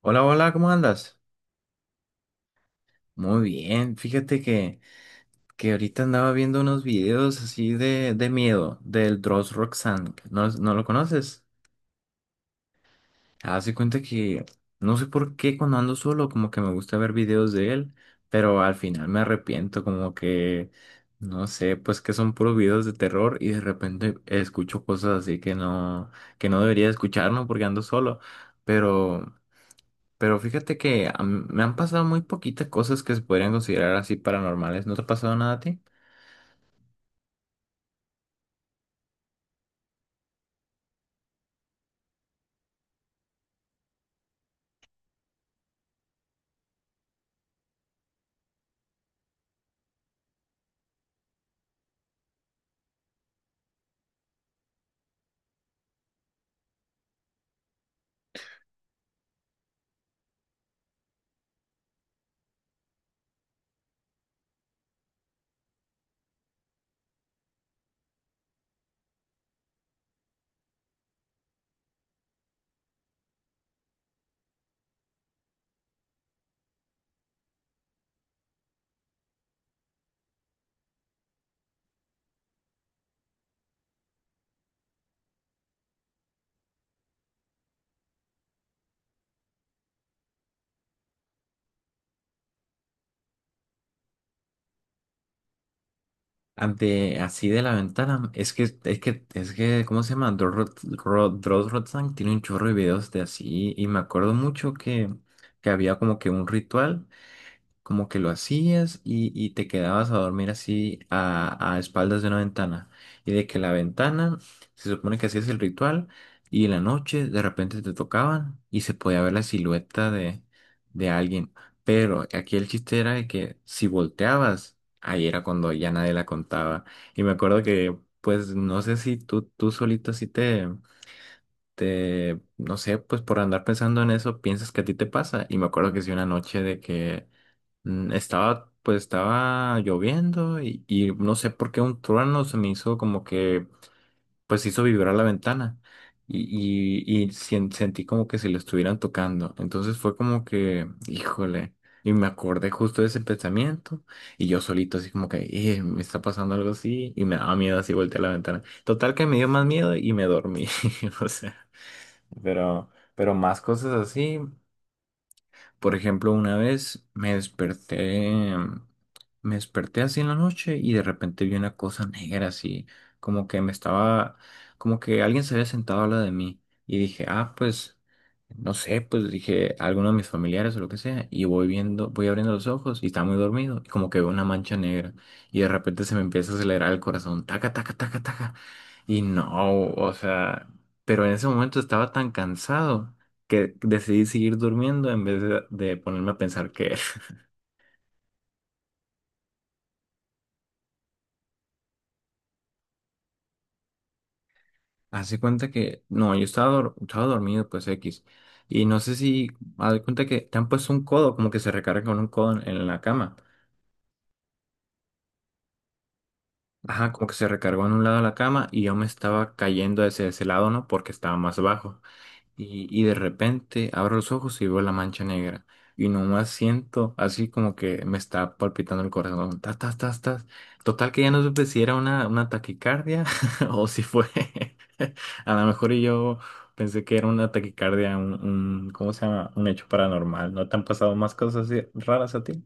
Hola, hola, ¿cómo andas? Muy bien, fíjate que ahorita andaba viendo unos videos así de miedo del Dross Roxanne. ¿No, no lo conoces? Hace cuenta que no sé por qué cuando ando solo como que me gusta ver videos de él, pero al final me arrepiento como que, no sé, pues que son puros videos de terror y de repente escucho cosas así que no, debería escuchar, ¿no? Porque ando solo, pero. Pero fíjate que a mí me han pasado muy poquitas cosas que se podrían considerar así paranormales. ¿No te ha pasado nada a ti? Ah, así de la ventana. Es que, ¿cómo se llama? Dross Rotzank tiene un chorro de videos de así. Y me acuerdo mucho que había como que un ritual. Como que lo hacías y te quedabas a dormir así a espaldas de una ventana. Y de que la ventana, se supone que hacías el ritual y en la noche de repente te tocaban y se podía ver la silueta de alguien. Pero aquí el chiste era de que si volteabas, ahí era cuando ya nadie la contaba. Y me acuerdo que, pues, no sé si tú solito así te. No sé, pues por andar pensando en eso, piensas que a ti te pasa. Y me acuerdo que sí, una noche de que pues estaba lloviendo y no sé por qué un trueno se me hizo como que, pues hizo vibrar la ventana y sentí como que si lo estuvieran tocando. Entonces fue como que, híjole, y me acordé justo de ese pensamiento y yo solito así como que, me está pasando algo así", y me daba miedo, así volteé a la ventana. Total que me dio más miedo y me dormí. O sea, pero, pero más cosas así. Por ejemplo, una vez me desperté así en la noche y de repente vi una cosa negra así, como que me estaba, como que alguien se había sentado al lado de mí y dije, ah, pues, no sé, pues dije, alguno de mis familiares o lo que sea, y voy viendo, voy abriendo los ojos y estaba muy dormido y como que veo una mancha negra y de repente se me empieza a acelerar el corazón, taca, taca, taca, taca, y no, o sea, pero en ese momento estaba tan cansado que decidí seguir durmiendo en vez de ponerme a pensar qué era. Hace cuenta que, no, yo estaba dormido, pues X. Y no sé si, haz de cuenta que te han puesto un codo, como que se recarga con un codo en la cama. Ajá, como que se recargó en un lado de la cama y yo me estaba cayendo hacia ese lado, ¿no? Porque estaba más bajo. Y de repente abro los ojos y veo la mancha negra. Y nomás siento así como que me está palpitando el corazón. Tas, tas, tas, tas. Total que ya no supe si era una taquicardia o si fue. A lo mejor y yo pensé que era una taquicardia, ¿cómo se llama? Un hecho paranormal. ¿No te han pasado más cosas así raras a ti?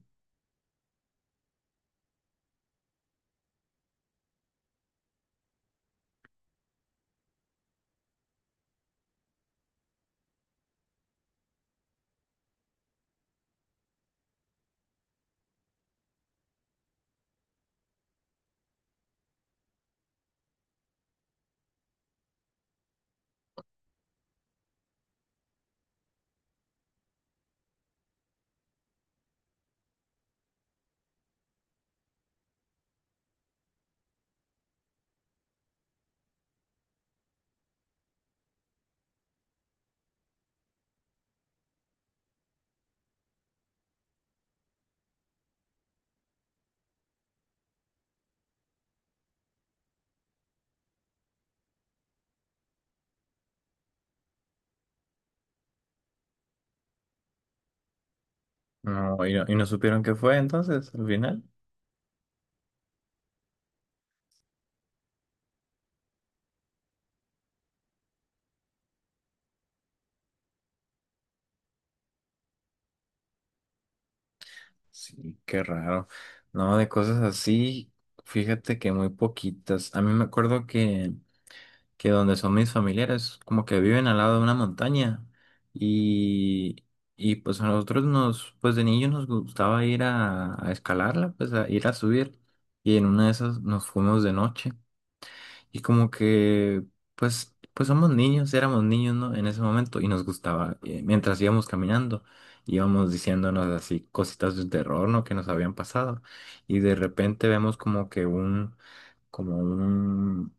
No, y no supieron qué fue entonces al final. Sí, qué raro. No, de cosas así, fíjate que muy poquitas. A mí me acuerdo que donde son mis familiares, como que viven al lado de una montaña y, y pues a nosotros nos, pues de niños nos gustaba ir a escalarla, pues a ir a subir y en una de esas nos fuimos de noche y como que pues, somos niños, éramos niños, ¿no? En ese momento y nos gustaba, mientras íbamos caminando. Íbamos diciéndonos así cositas de terror, ¿no? Que nos habían pasado. Y de repente vemos como que un,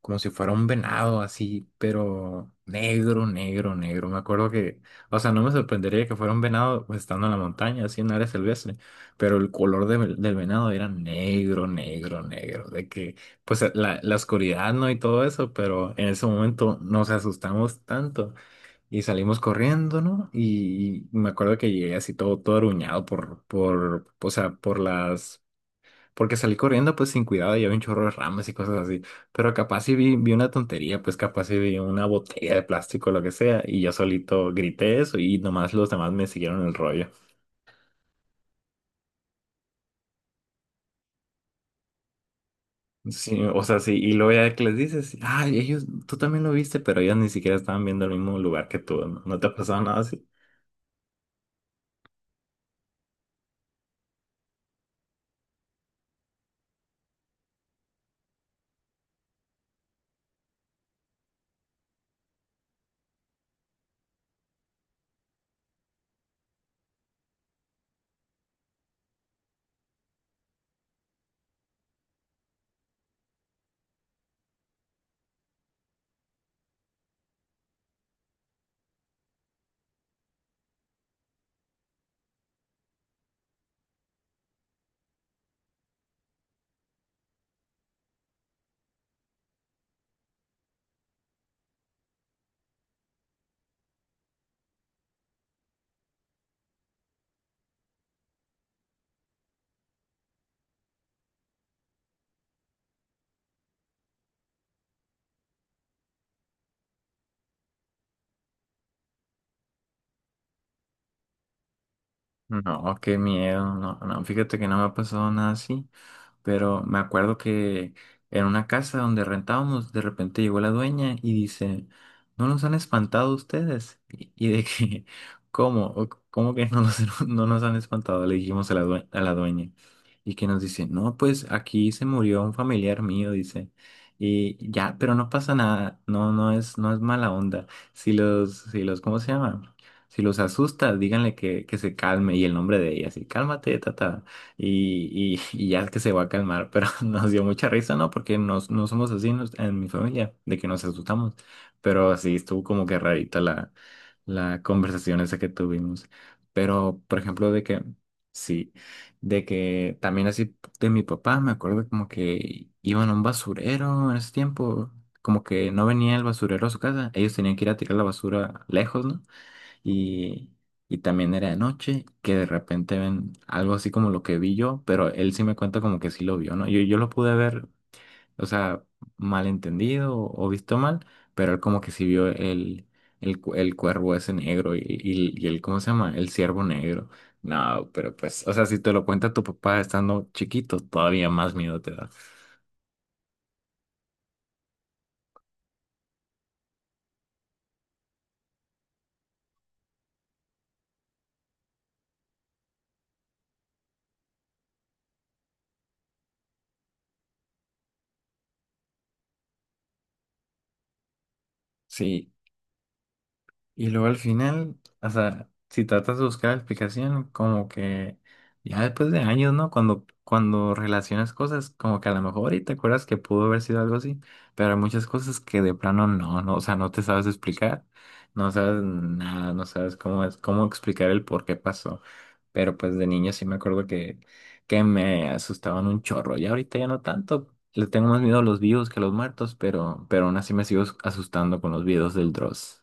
como si fuera un venado así, pero negro, negro, negro. Me acuerdo que, o sea, no me sorprendería que fuera un venado pues, estando en la montaña, así en área silvestre, pero el color del venado era negro, negro, negro. De que, pues la oscuridad, ¿no? Y todo eso, pero en ese momento nos asustamos tanto y salimos corriendo, ¿no? Y me acuerdo que llegué así todo, todo aruñado por, o sea, porque salí corriendo pues sin cuidado y había un chorro de ramas y cosas así. Pero capaz si vi una tontería, pues capaz si vi una botella de plástico o lo que sea. Y yo solito grité eso y nomás los demás me siguieron el rollo. Sí, o sea, sí. Y luego ya que les dices, ay, ellos, tú también lo viste, pero ellos ni siquiera estaban viendo el mismo lugar que tú. ¿No, no te ha pasado nada así? No, qué miedo. No, no, fíjate que no me ha pasado nada así. Pero me acuerdo que en una casa donde rentábamos, de repente llegó la dueña y dice, ¿no nos han espantado ustedes? Y de que, ¿cómo? ¿Cómo que no nos, no nos han espantado? Le dijimos a la a la dueña. Y que nos dice, no, pues aquí se murió un familiar mío, dice. Y ya, pero no pasa nada, no, no es, no es mala onda. Si los, ¿cómo se llama? Si los asusta, díganle que, se calme y el nombre de ella, así, cálmate, tata, y ya es que se va a calmar, pero nos dio mucha risa, ¿no? Porque no somos así en mi familia, de que nos asustamos, pero sí estuvo como que rarita la conversación esa que tuvimos. Pero, por ejemplo, de que, sí, de que también así de mi papá, me acuerdo como que iban a un basurero en ese tiempo, como que no venía el basurero a su casa, ellos tenían que ir a tirar la basura lejos, ¿no? y, y también era de noche, que de repente ven algo así como lo que vi yo, pero él sí me cuenta como que sí lo vio, ¿no? Yo lo pude ver, o sea, malentendido o visto mal, pero él como que sí vio el cuervo ese negro y el, ¿cómo se llama? El ciervo negro. No, pero pues, o sea, si te lo cuenta tu papá estando chiquito, todavía más miedo te da. Sí, y luego al final, o sea, si tratas de buscar la explicación, como que ya después de años, ¿no? Cuando relacionas cosas, como que a lo mejor y te acuerdas que pudo haber sido algo así, pero hay muchas cosas que de plano no, no, o sea, no te sabes explicar, no sabes nada, no sabes cómo es, cómo explicar el por qué pasó. Pero pues de niño sí me acuerdo que, me asustaban un chorro, y ahorita ya no tanto. Le tengo más miedo a los vivos que a los muertos, pero, aún así me sigo asustando con los videos del Dross.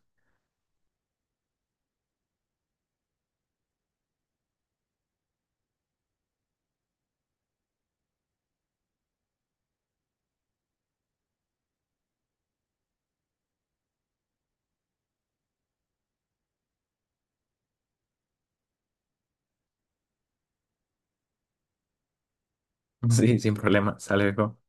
Sí, sin problema. Sale, viejo.